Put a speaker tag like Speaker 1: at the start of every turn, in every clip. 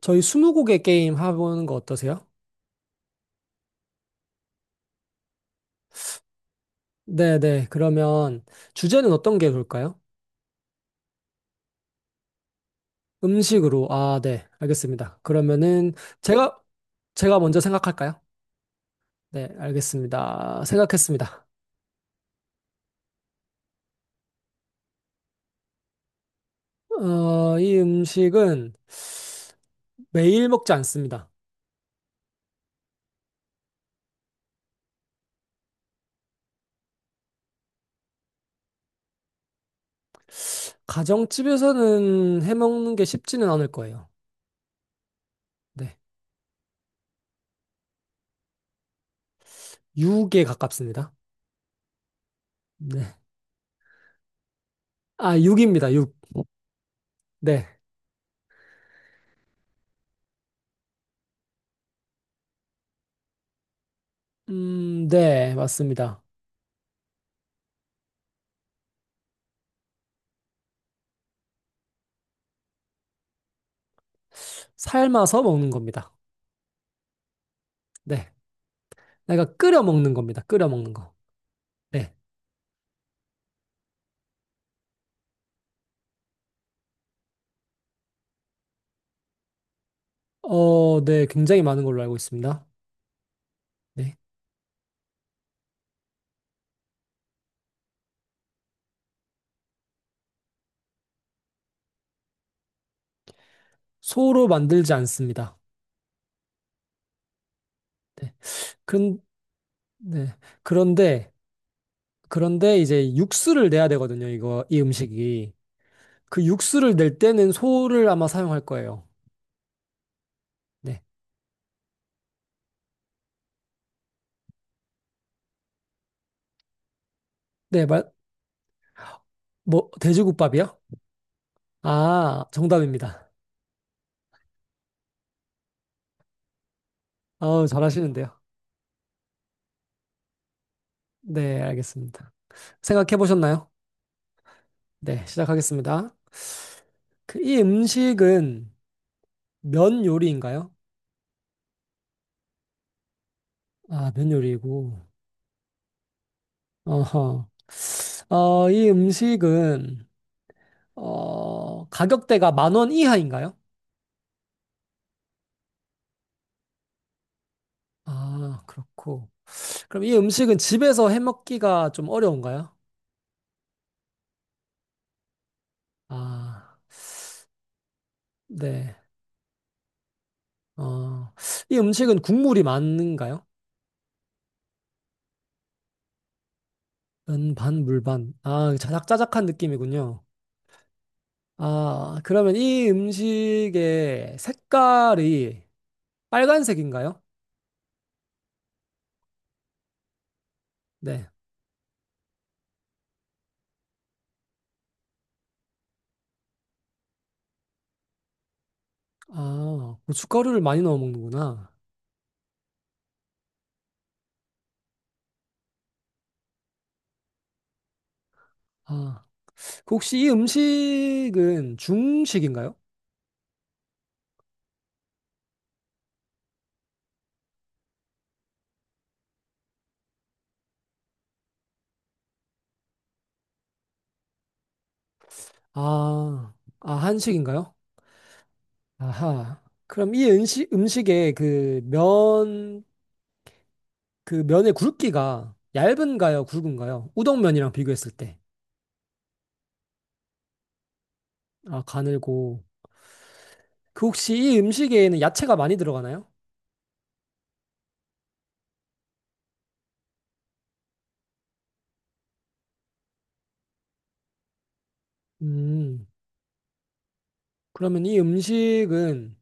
Speaker 1: 저희 스무고개 게임 해보는 거 어떠세요? 네네. 그러면 주제는 어떤 게 좋을까요? 음식으로. 아, 네. 알겠습니다. 그러면은 제가, 제가 먼저 생각할까요? 네, 알겠습니다. 생각했습니다. 이 음식은 매일 먹지 않습니다. 가정집에서는 해먹는 게 쉽지는 않을 거예요. 네. 육에 가깝습니다. 네. 아, 육입니다. 육. 네. 네. 맞습니다. 삶아서 먹는 겁니다. 네. 내가 끓여 먹는 겁니다. 끓여 먹는 거. 네. 네. 굉장히 많은 걸로 알고 있습니다. 네. 소로 만들지 않습니다. 네. 그런, 네. 그런데, 그런데 이제 육수를 내야 되거든요. 이거, 이 음식이. 그 육수를 낼 때는 소를 아마 사용할 거예요. 네. 네. 말, 뭐, 돼지국밥이요? 아, 정답입니다. 아우, 잘하시는데요. 네. 알겠습니다. 생각해 보셨나요? 네. 시작하겠습니다. 그, 이 음식은 면 요리인가요? 아, 면 요리고. 어허. 이 가격대가 만 원 이하인가요? 아, 그렇고. 그럼 이 음식은 집에서 해 먹기가 좀 어려운가요? 아, 네. 어, 이 음식은 국물이 많은가요? 면 반, 물 반. 아, 자작자작한 느낌이군요. 아, 그러면 이 음식의 색깔이 빨간색인가요? 네. 아, 고춧가루를 많이 넣어 먹는구나. 아. 그 혹시 이 음식은 중식인가요? 아, 아, 한식인가요? 아하. 그럼 이 음식의 그 면, 그 면의 굵기가 얇은가요? 굵은가요? 우동면이랑 비교했을 때. 아, 가늘고. 그 혹시 이 음식에는 야채가 많이 들어가나요? 음, 그러면 이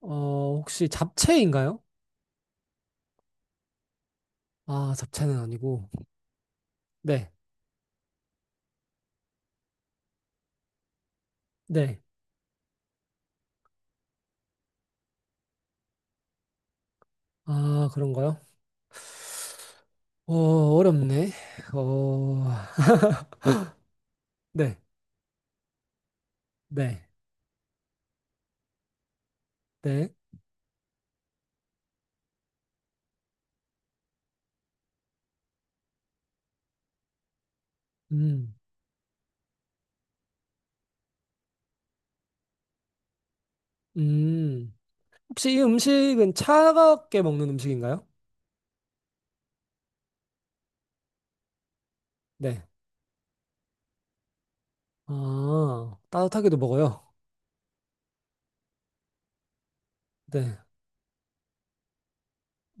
Speaker 1: 혹시 잡채인가요? 아, 잡채는 아니고. 네, 네. 아, 그런가요? 어, 어렵네. 어, 네. 네, 네, 음, 음. 혹시 이 음식은 차갑게 먹는 음식인가요? 네. 아, 따뜻하게도 먹어요. 네.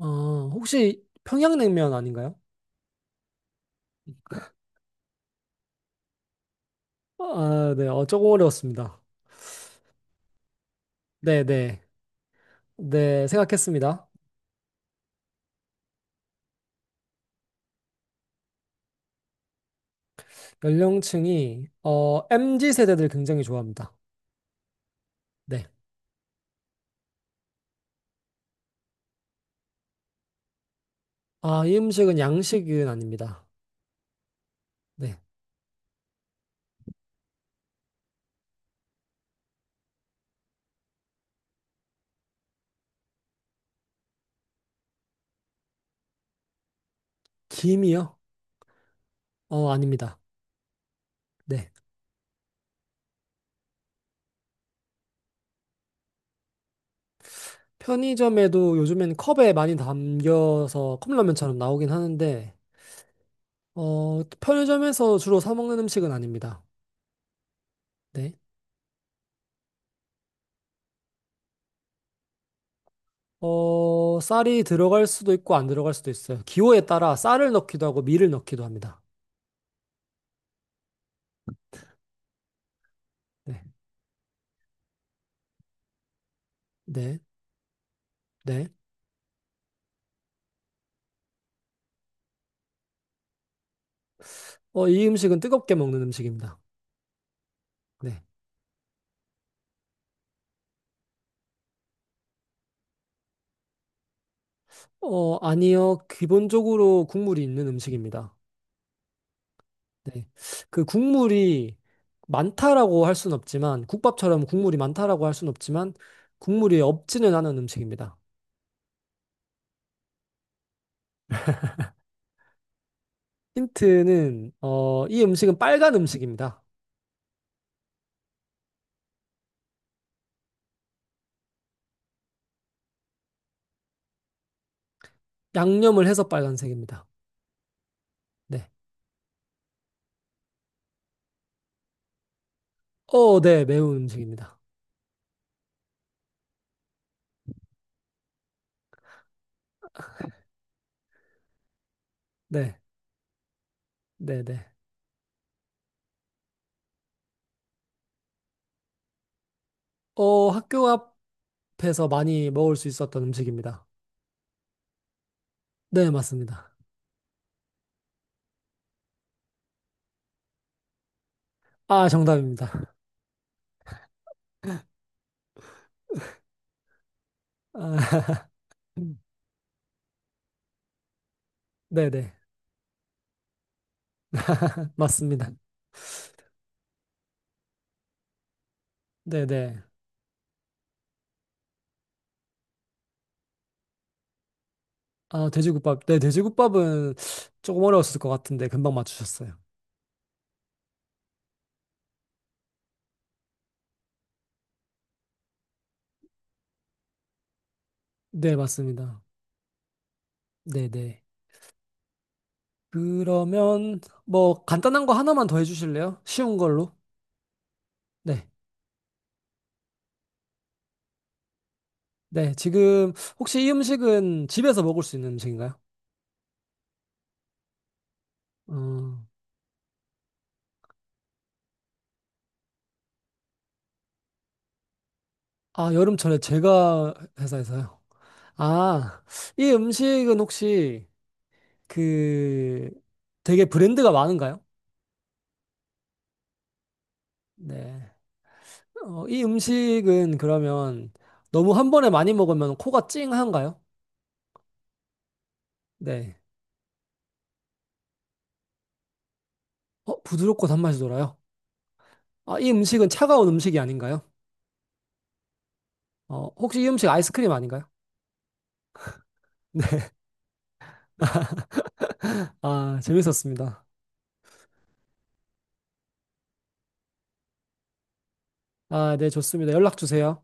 Speaker 1: 아, 혹시 평양냉면 아닌가요? 아, 네. 어, 조금 어려웠습니다. 네, 네. 네, 생각했습니다. MZ 세대들 굉장히 좋아합니다. 네. 아, 이 음식은 양식은 아닙니다. 네. 김이요? 아닙니다. 네. 편의점에도 요즘엔 컵에 많이 담겨서 컵라면처럼 나오긴 하는데, 편의점에서 주로 사 먹는 음식은 아닙니다. 네. 쌀이 들어갈 수도 있고 안 들어갈 수도 있어요. 기호에 따라 쌀을 넣기도 하고 밀을 넣기도 합니다. 네. 네. 네. 이 음식은 뜨겁게 먹는 음식입니다. 네. 어, 아니요. 기본적으로 국물이 있는 음식입니다. 네. 그 국물이 많다라고 할 수는 없지만, 국밥처럼 국물이 많다라고 할 수는 없지만, 국물이 없지는 않은 음식입니다. 힌트는, 이 음식은 빨간 음식입니다. 양념을 해서 빨간색입니다. 네. 어, 네, 매운 음식입니다. 네, 네, 네. 학교 앞에서 많이 먹을 수 있었던 음식입니다. 네, 맞습니다. 아, 정답입니다. 아, 네, 네. 맞습니다. 네, 네. 아, 돼지국밥. 네, 돼지국밥은 조금 어려웠을 것 같은데 금방 맞추셨어요. 네, 맞습니다. 네, 네. 그러면 뭐 간단한 거 하나만 더 해주실래요? 쉬운 걸로. 네, 네. 지금 혹시 이 음식은 집에서 먹을 수 있는 음식인가요? 음, 아, 여름철에 제가 회사에서요. 아, 이 음식은 혹시 그 되게 브랜드가 많은가요? 네. 이 음식은 그러면 너무 한 번에 많이 먹으면 코가 찡한가요? 네. 어, 부드럽고 단맛이 돌아요. 아, 이 음식은 차가운 음식이 아닌가요? 어, 혹시 이 음식 아이스크림 아닌가요? 네. 아, 재밌었습니다. 아, 네, 좋습니다. 연락 주세요.